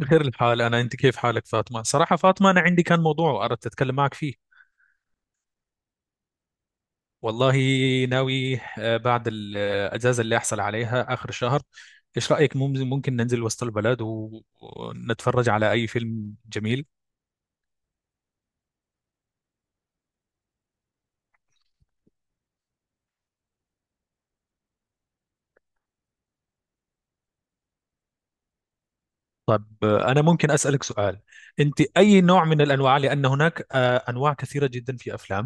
بخير الحال، أنا، أنت كيف حالك فاطمة؟ صراحة فاطمة أنا عندي كان موضوع أردت أتكلم معك فيه. والله، ناوي بعد الأجازة اللي أحصل عليها آخر الشهر. إيش رأيك؟ ممكن ننزل وسط البلد ونتفرج على أي فيلم جميل؟ طب أنا ممكن أسألك سؤال. أنت أي نوع من الأنواع؟ لأن هناك أنواع كثيرة جدا في أفلام.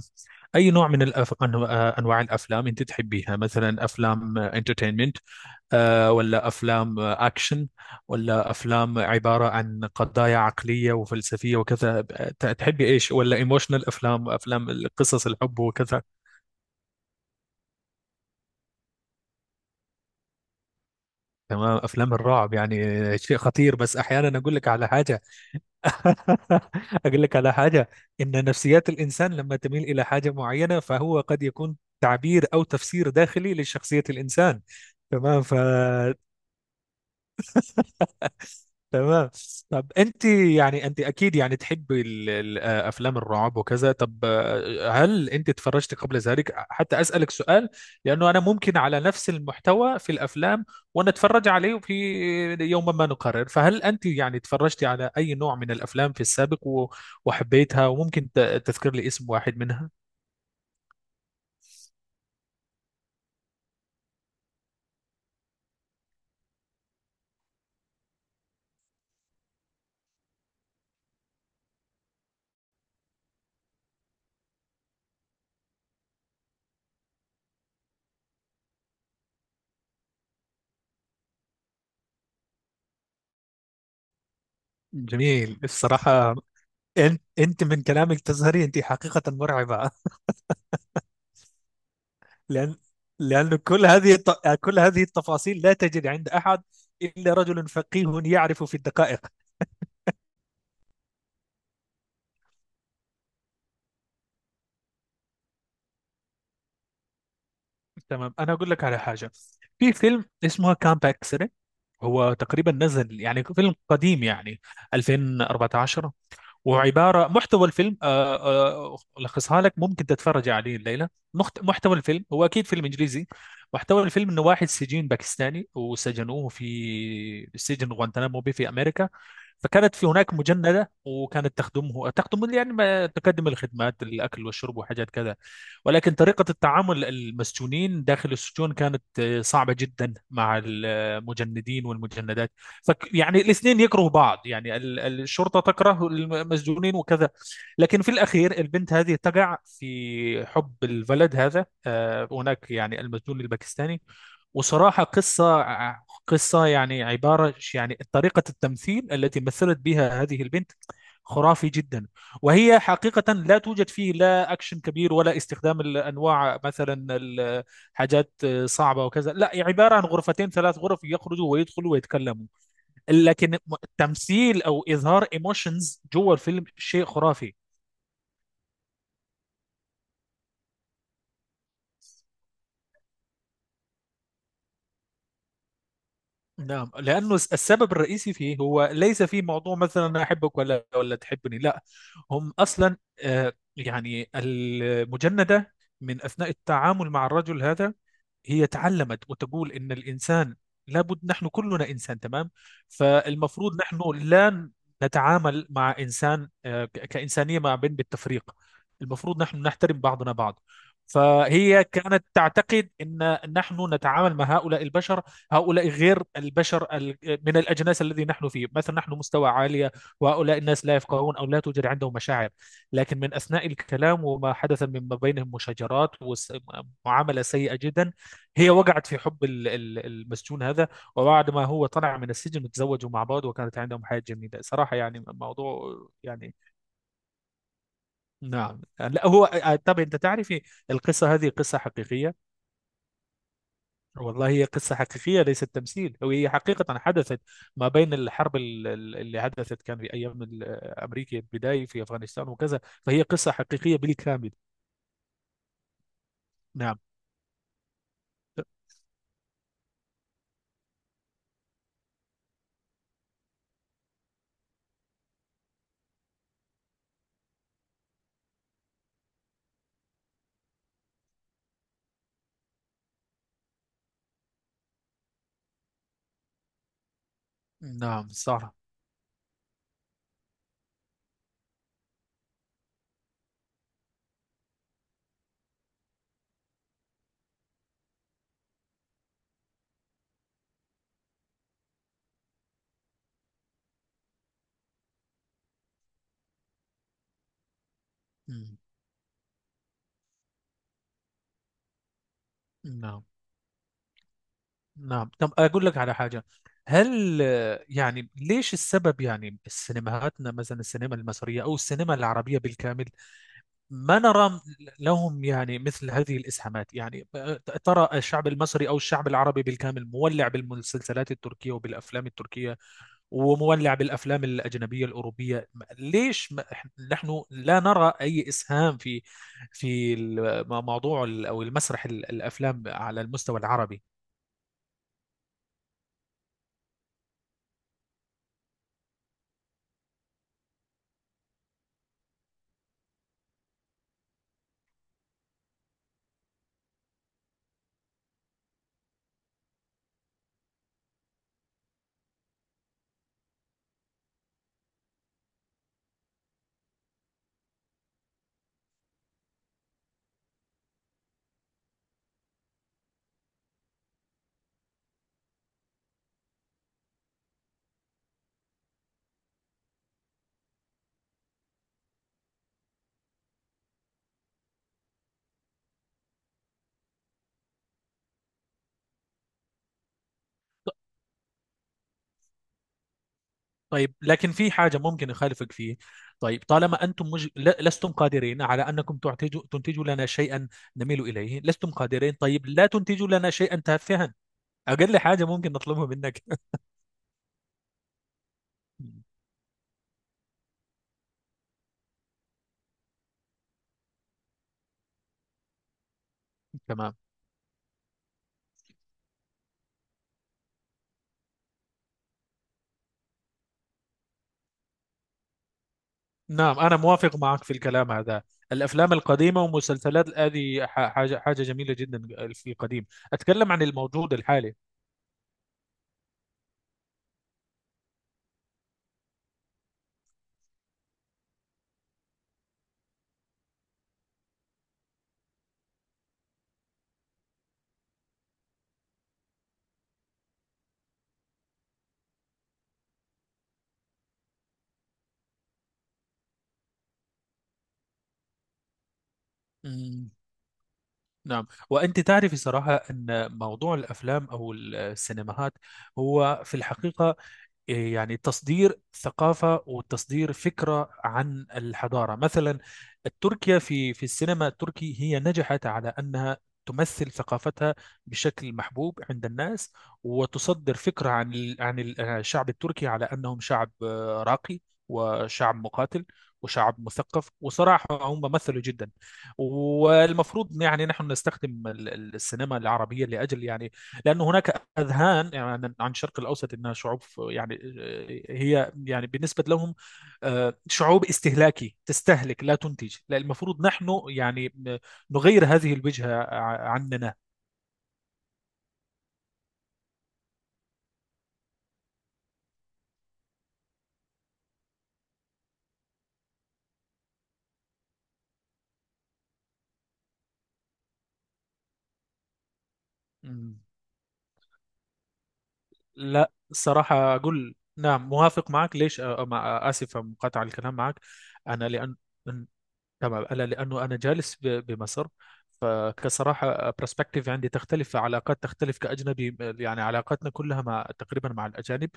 أي نوع من الأف... أنو- آه، أنواع الأفلام أنت تحبيها؟ مثلا أفلام انترتينمنت ولا أفلام أكشن، ولا أفلام عبارة عن قضايا عقلية وفلسفية وكذا؟ تحبي إيش؟ ولا إيموشنال أفلام قصص الحب وكذا؟ تمام، أفلام الرعب يعني شيء خطير، بس أحيانا أقول لك على حاجة. أقول لك على حاجة، إن نفسيات الإنسان لما تميل إلى حاجة معينة فهو قد يكون تعبير أو تفسير داخلي لشخصية الإنسان. تمام تمام. طب انت يعني انت اكيد يعني تحبي افلام الرعب وكذا. طب هل انت تفرجت قبل ذلك؟ حتى اسالك سؤال، لانه انا ممكن على نفس المحتوى في الافلام ونتفرج عليه في يوم ما نقرر، فهل انت يعني تفرجتي على اي نوع من الافلام في السابق وحبيتها، وممكن تذكر لي اسم واحد منها؟ جميل الصراحة. انت من كلامك تظهري انت حقيقة مرعبة. لأن كل هذه التفاصيل لا تجد عند أحد إلا رجل فقيه يعرف في الدقائق. تمام، أنا أقول لك على حاجة. في فيلم اسمه كامب اكسيدنت، هو تقريبا نزل يعني فيلم قديم يعني 2014. وعبارة محتوى الفيلم ألخصها لك، ممكن تتفرج عليه الليلة. محتوى الفيلم هو أكيد فيلم إنجليزي، محتوى الفيلم إنه واحد سجين باكستاني، وسجنوه في سجن غوانتنامو بي في أمريكا. فكانت في هناك مجندة، وكانت تخدم يعني، ما تقدم الخدمات، الأكل والشرب وحاجات كذا. ولكن طريقة التعامل المسجونين داخل السجون كانت صعبة جدا مع المجندين والمجندات. يعني الاثنين يكرهوا بعض، يعني الشرطة تكره المسجونين وكذا. لكن في الأخير البنت هذه تقع في حب الولد هذا، هناك يعني المسجون الباكستاني. وصراحة قصة يعني عبارة يعني طريقة التمثيل التي مثلت بها هذه البنت خرافي جدا. وهي حقيقة لا توجد فيه لا أكشن كبير، ولا استخدام الأنواع مثلا الحاجات صعبة وكذا، لا، عبارة عن غرفتين ثلاث غرف يخرجوا ويدخلوا ويتكلموا. لكن التمثيل او اظهار ايموشنز جوه الفيلم شيء خرافي. نعم، لأنه السبب الرئيسي فيه هو ليس في موضوع مثلا أنا أحبك ولا تحبني، لا. هم أصلا يعني المجندة من أثناء التعامل مع الرجل هذا، هي تعلمت وتقول إن الإنسان، لابد، نحن كلنا إنسان تمام. فالمفروض نحن لا نتعامل مع إنسان كإنسانية ما بين بالتفريق. المفروض نحن نحترم بعضنا بعض. فهي كانت تعتقد ان نحن نتعامل مع هؤلاء البشر، هؤلاء غير البشر، من الأجناس الذي نحن فيه، مثلا نحن مستوى عالية، وهؤلاء الناس لا يفقهون أو لا توجد عندهم مشاعر. لكن من أثناء الكلام وما حدث من ما بينهم مشاجرات ومعاملة سيئة جدا، هي وقعت في حب المسجون هذا. وبعد ما هو طلع من السجن تزوجوا مع بعض، وكانت عندهم حياة جميلة صراحة، يعني موضوع، يعني، نعم. لا هو، طب أنت تعرفي، القصة هذه قصة حقيقية. والله هي قصة حقيقية، ليست تمثيل، وهي حقيقة حدثت ما بين الحرب اللي حدثت، كان في أيام أمريكا البداية في أفغانستان وكذا. فهي قصة حقيقية بالكامل. نعم. نعم، صح. مم. نعم. نعم، طب أقول لك على حاجة. هل يعني ليش السبب يعني سينماهاتنا مثلا السينما المصرية أو السينما العربية بالكامل ما نرى لهم يعني مثل هذه الإسهامات يعني؟ ترى الشعب المصري أو الشعب العربي بالكامل مولع بالمسلسلات التركية وبالأفلام التركية، ومولع بالأفلام الأجنبية الأوروبية. ليش نحن لا نرى أي إسهام في موضوع أو المسرح الأفلام على المستوى العربي؟ طيب لكن في حاجة ممكن أخالفك فيه. طيب طالما أنتم لستم قادرين على أنكم تنتجوا لنا شيئا نميل إليه، لستم قادرين، طيب لا تنتجوا لنا شيئا تافها. أقل حاجة ممكن نطلبها منك. تمام. نعم، أنا موافق معك في الكلام هذا. الأفلام القديمة والمسلسلات هذه حاجة حاجة جميلة جدا في القديم. أتكلم عن الموجود الحالي. نعم، وأنت تعرفي صراحة أن موضوع الأفلام أو السينماهات هو في الحقيقة إيه، يعني تصدير ثقافة وتصدير فكرة عن الحضارة. مثلا تركيا، في السينما التركي هي نجحت على أنها تمثل ثقافتها بشكل محبوب عند الناس، وتصدر فكرة عن الشعب التركي على أنهم شعب راقي، وشعب مقاتل، وشعب مثقف، وصراحة هم مثلوا جدا. والمفروض يعني نحن نستخدم السينما العربية لأجل يعني، لأن هناك أذهان يعني عن الشرق الأوسط أنها شعوب، يعني هي يعني بالنسبة لهم شعوب استهلاكي تستهلك لا تنتج، لا المفروض نحن يعني نغير هذه الوجهة عننا. مم. لا صراحة، أقول نعم موافق معك. ليش آسف مقاطعة الكلام معك. أنا لأن، تمام، انا لانه انا جالس بمصر، فكصراحه برسبكتيف عندي تختلف، علاقات تختلف، كاجنبي يعني علاقاتنا كلها مع تقريبا مع الاجانب،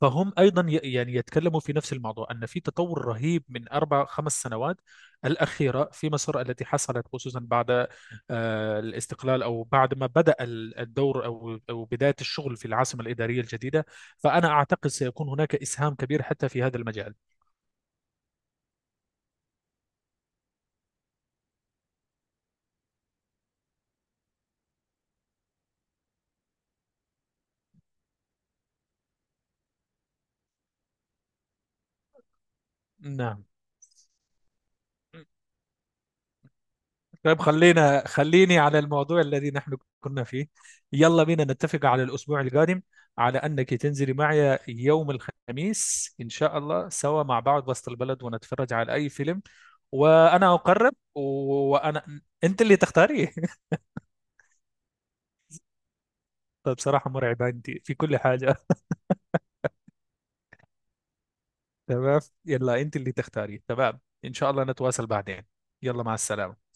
فهم ايضا يعني يتكلموا في نفس الموضوع ان في تطور رهيب من اربع خمس سنوات الاخيره في مصر التي حصلت، خصوصا بعد الاستقلال، او بعد ما بدا الدور او بدايه الشغل في العاصمه الاداريه الجديده. فانا اعتقد سيكون هناك اسهام كبير حتى في هذا المجال. نعم. طيب خليني على الموضوع الذي نحن كنا فيه. يلا بينا نتفق على الأسبوع القادم، على أنك تنزلي معي يوم الخميس إن شاء الله سوا مع بعض وسط البلد، ونتفرج على أي فيلم. وأنا أقرب، و- وأنا أنت اللي تختاري. طيب بصراحة مرعبة أنت في كل حاجة. تمام، يلا أنت اللي تختاري. تمام إن شاء الله نتواصل بعدين. يلا، مع السلامة.